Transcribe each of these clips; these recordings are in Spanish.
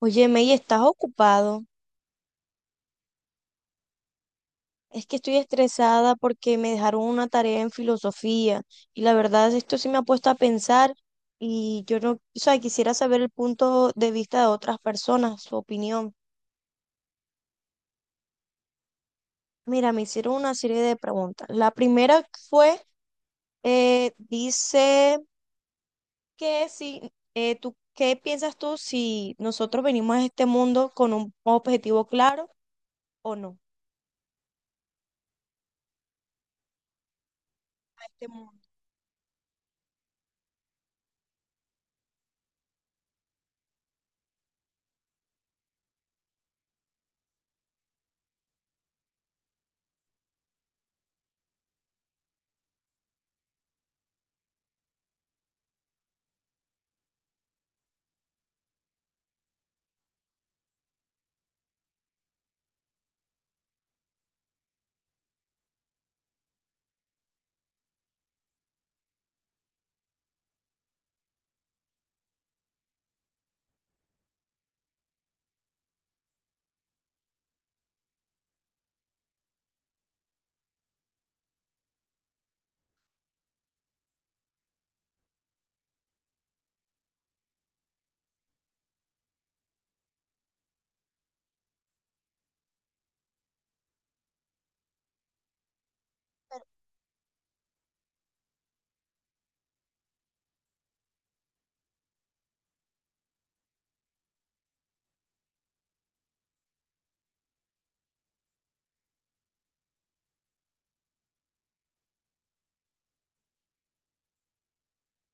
Oye, May, ¿estás ocupado? Es que estoy estresada porque me dejaron una tarea en filosofía y la verdad esto sí me ha puesto a pensar y yo no, o sea, quisiera saber el punto de vista de otras personas, su opinión. Mira, me hicieron una serie de preguntas. La primera fue, dice que si, tú, ¿qué piensas tú si nosotros venimos a este mundo con un objetivo claro o no? A este mundo.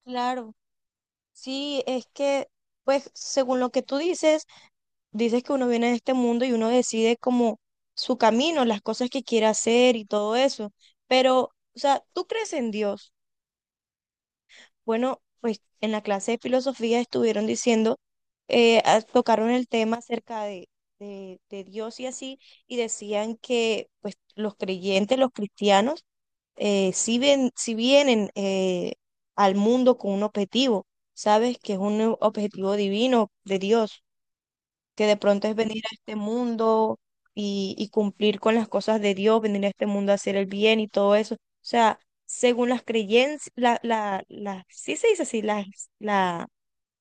Claro. Sí, es que, pues, según lo que tú dices, dices que uno viene de este mundo y uno decide como su camino, las cosas que quiere hacer y todo eso. Pero, o sea, ¿tú crees en Dios? Bueno, pues en la clase de filosofía estuvieron diciendo, tocaron el tema acerca de Dios y así, y decían que, pues, los creyentes, los cristianos, si ven, si vienen al mundo con un objetivo, sabes que es un objetivo divino de Dios, que de pronto es venir a este mundo y cumplir con las cosas de Dios, venir a este mundo a hacer el bien y todo eso. O sea, según las creencias, sí se dice así, la,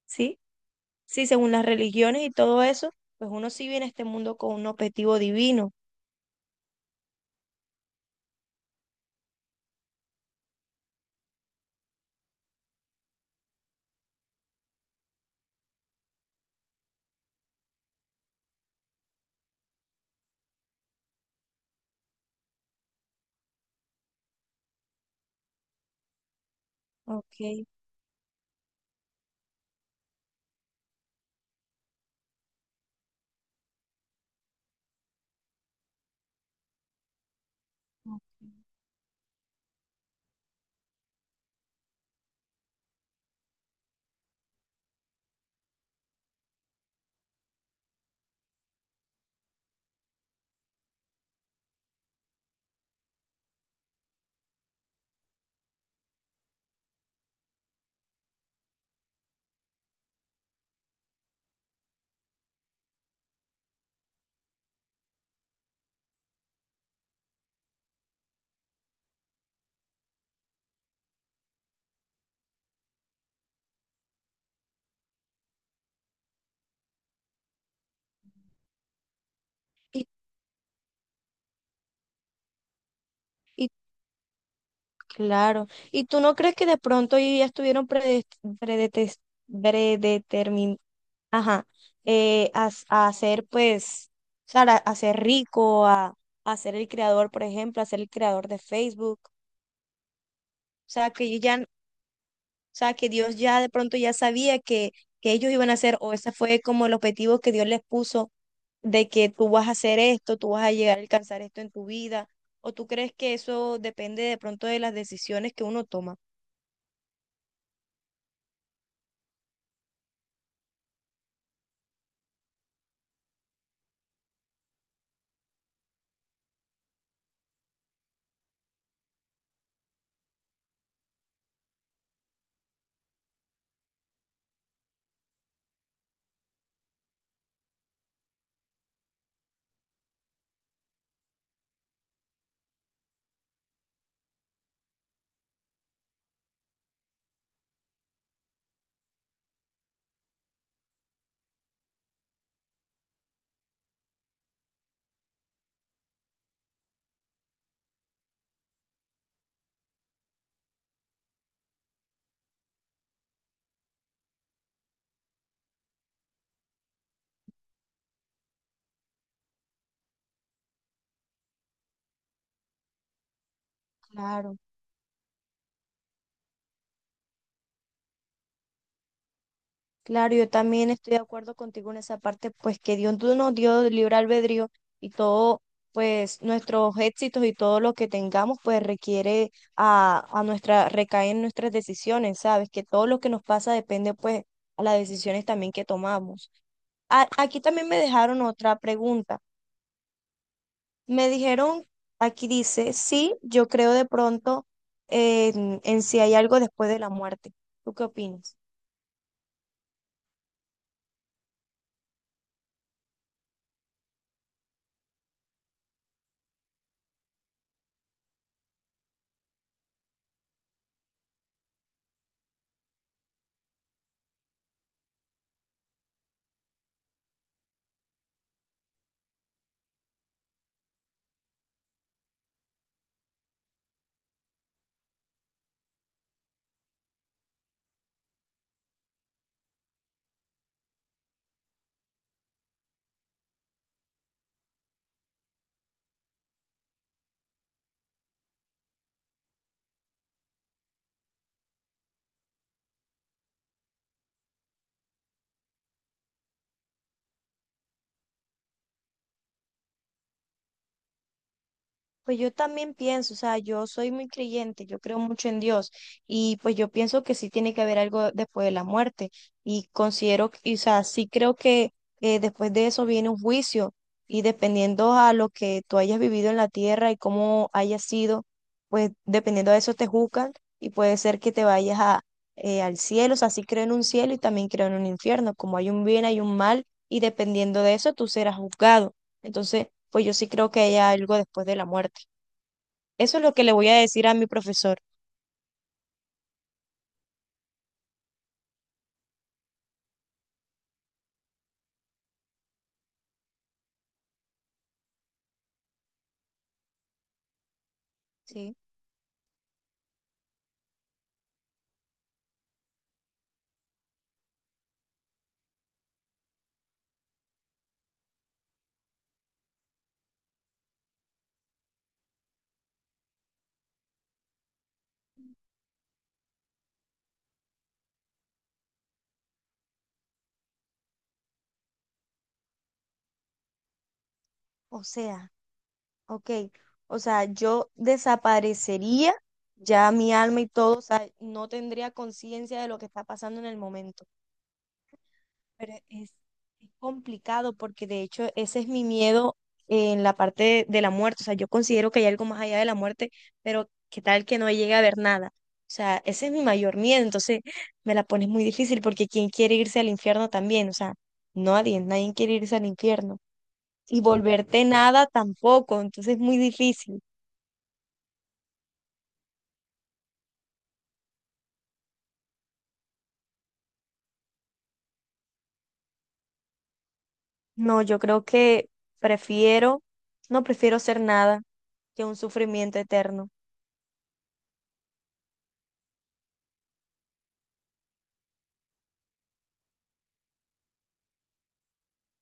sí, sí, según las religiones y todo eso, pues uno sí viene a este mundo con un objetivo divino. Ok. ¿Y, y Claro. ¿Y tú no crees que de pronto ellos ya estuvieron predetes- predetermin- ajá, a, s- a ser pues, o sea, a ser rico, a ser el creador, por ejemplo, a ser el creador de Facebook? O sea, que ellos ya, n- o sea, que Dios ya de pronto ya sabía que ellos iban a hacer o ese fue como el objetivo que Dios les puso, de que tú vas a hacer esto, tú vas a llegar a alcanzar esto en tu vida. ¿O tú crees que eso depende de pronto de las decisiones que uno toma? Claro. Claro, yo también estoy de acuerdo contigo en esa parte, pues que Dios nos dio libre albedrío y todo, pues nuestros éxitos y todo lo que tengamos, pues requiere a nuestra, recae en nuestras decisiones, ¿sabes? Que todo lo que nos pasa depende, pues, a las decisiones también que tomamos. A- aquí también me dejaron otra pregunta. Me dijeron, aquí dice, sí, yo creo de pronto en si hay algo después de la muerte. ¿Tú qué opinas? Pues yo también pienso, o sea, yo soy muy creyente, yo creo mucho en Dios y pues yo pienso que sí tiene que haber algo después de la muerte y considero, que- y, o sea, sí creo que después de eso viene un juicio y dependiendo a lo que tú hayas vivido en la tierra y cómo hayas sido, pues dependiendo de eso te juzgan y puede ser que te vayas a, al cielo, o sea, sí creo en un cielo y también creo en un infierno, como hay un bien, hay un mal y dependiendo de eso tú serás juzgado. Entonces, pues yo sí creo que hay algo después de la muerte. Eso es lo que le voy a decir a mi profesor. Sí, o sea, ok, o sea, yo desaparecería ya mi alma y todo, o sea, no tendría conciencia de lo que está pasando en el momento. Pero es complicado porque de hecho ese es mi miedo en la parte de la muerte. O sea, yo considero que hay algo más allá de la muerte, pero qué tal que no llegue a ver nada. O sea, ese es mi mayor miedo. Entonces me la pones muy difícil porque ¿quién quiere irse al infierno también? O sea, nadie, nadie quiere irse al infierno. Y volverte nada tampoco. Entonces es muy difícil. No, yo creo que prefiero, no prefiero ser nada que un sufrimiento eterno.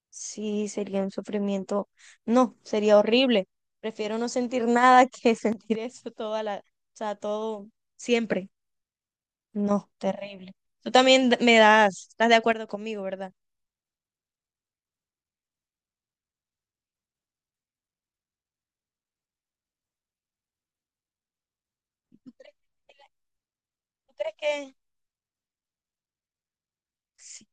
Sí, sería un sufrimiento. No, sería horrible. Prefiero no sentir nada que sentir eso toda la, o sea, todo siempre. No, terrible. Tú también d- me das, estás de acuerdo conmigo, ¿verdad? ¿Tú crees que, tú crees que- sí,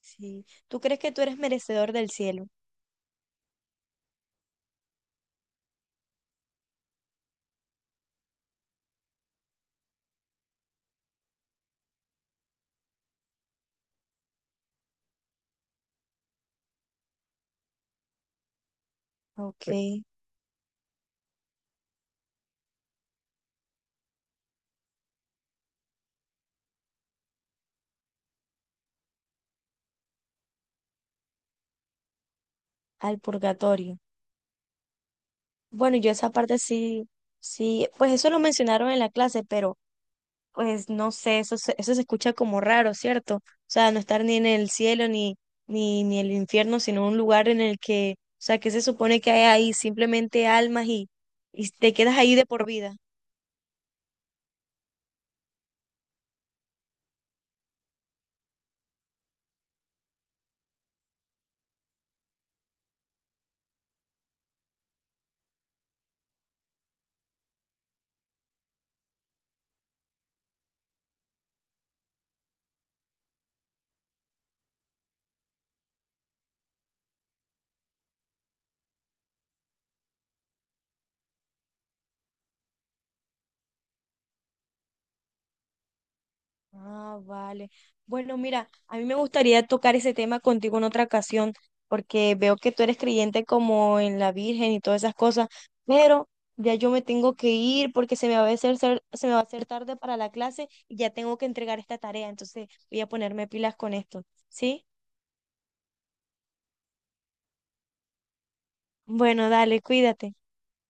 sí. ¿Tú crees que tú eres merecedor del cielo? Ok, al purgatorio. Bueno, yo esa parte sí, sí, pues eso lo mencionaron en la clase, pero pues no sé, eso se escucha como raro, ¿cierto? O sea, no estar ni en el cielo ni, ni el infierno, sino un lugar en el que, o sea, que se supone que hay ahí simplemente almas y te quedas ahí de por vida. Ah, vale. Bueno, mira, a mí me gustaría tocar ese tema contigo en otra ocasión, porque veo que tú eres creyente como en la Virgen y todas esas cosas, pero ya yo me tengo que ir porque se me va a hacer, ser- se me va a hacer tarde para la clase y ya tengo que entregar esta tarea, entonces voy a ponerme pilas con esto, ¿sí? Bueno, dale, cuídate.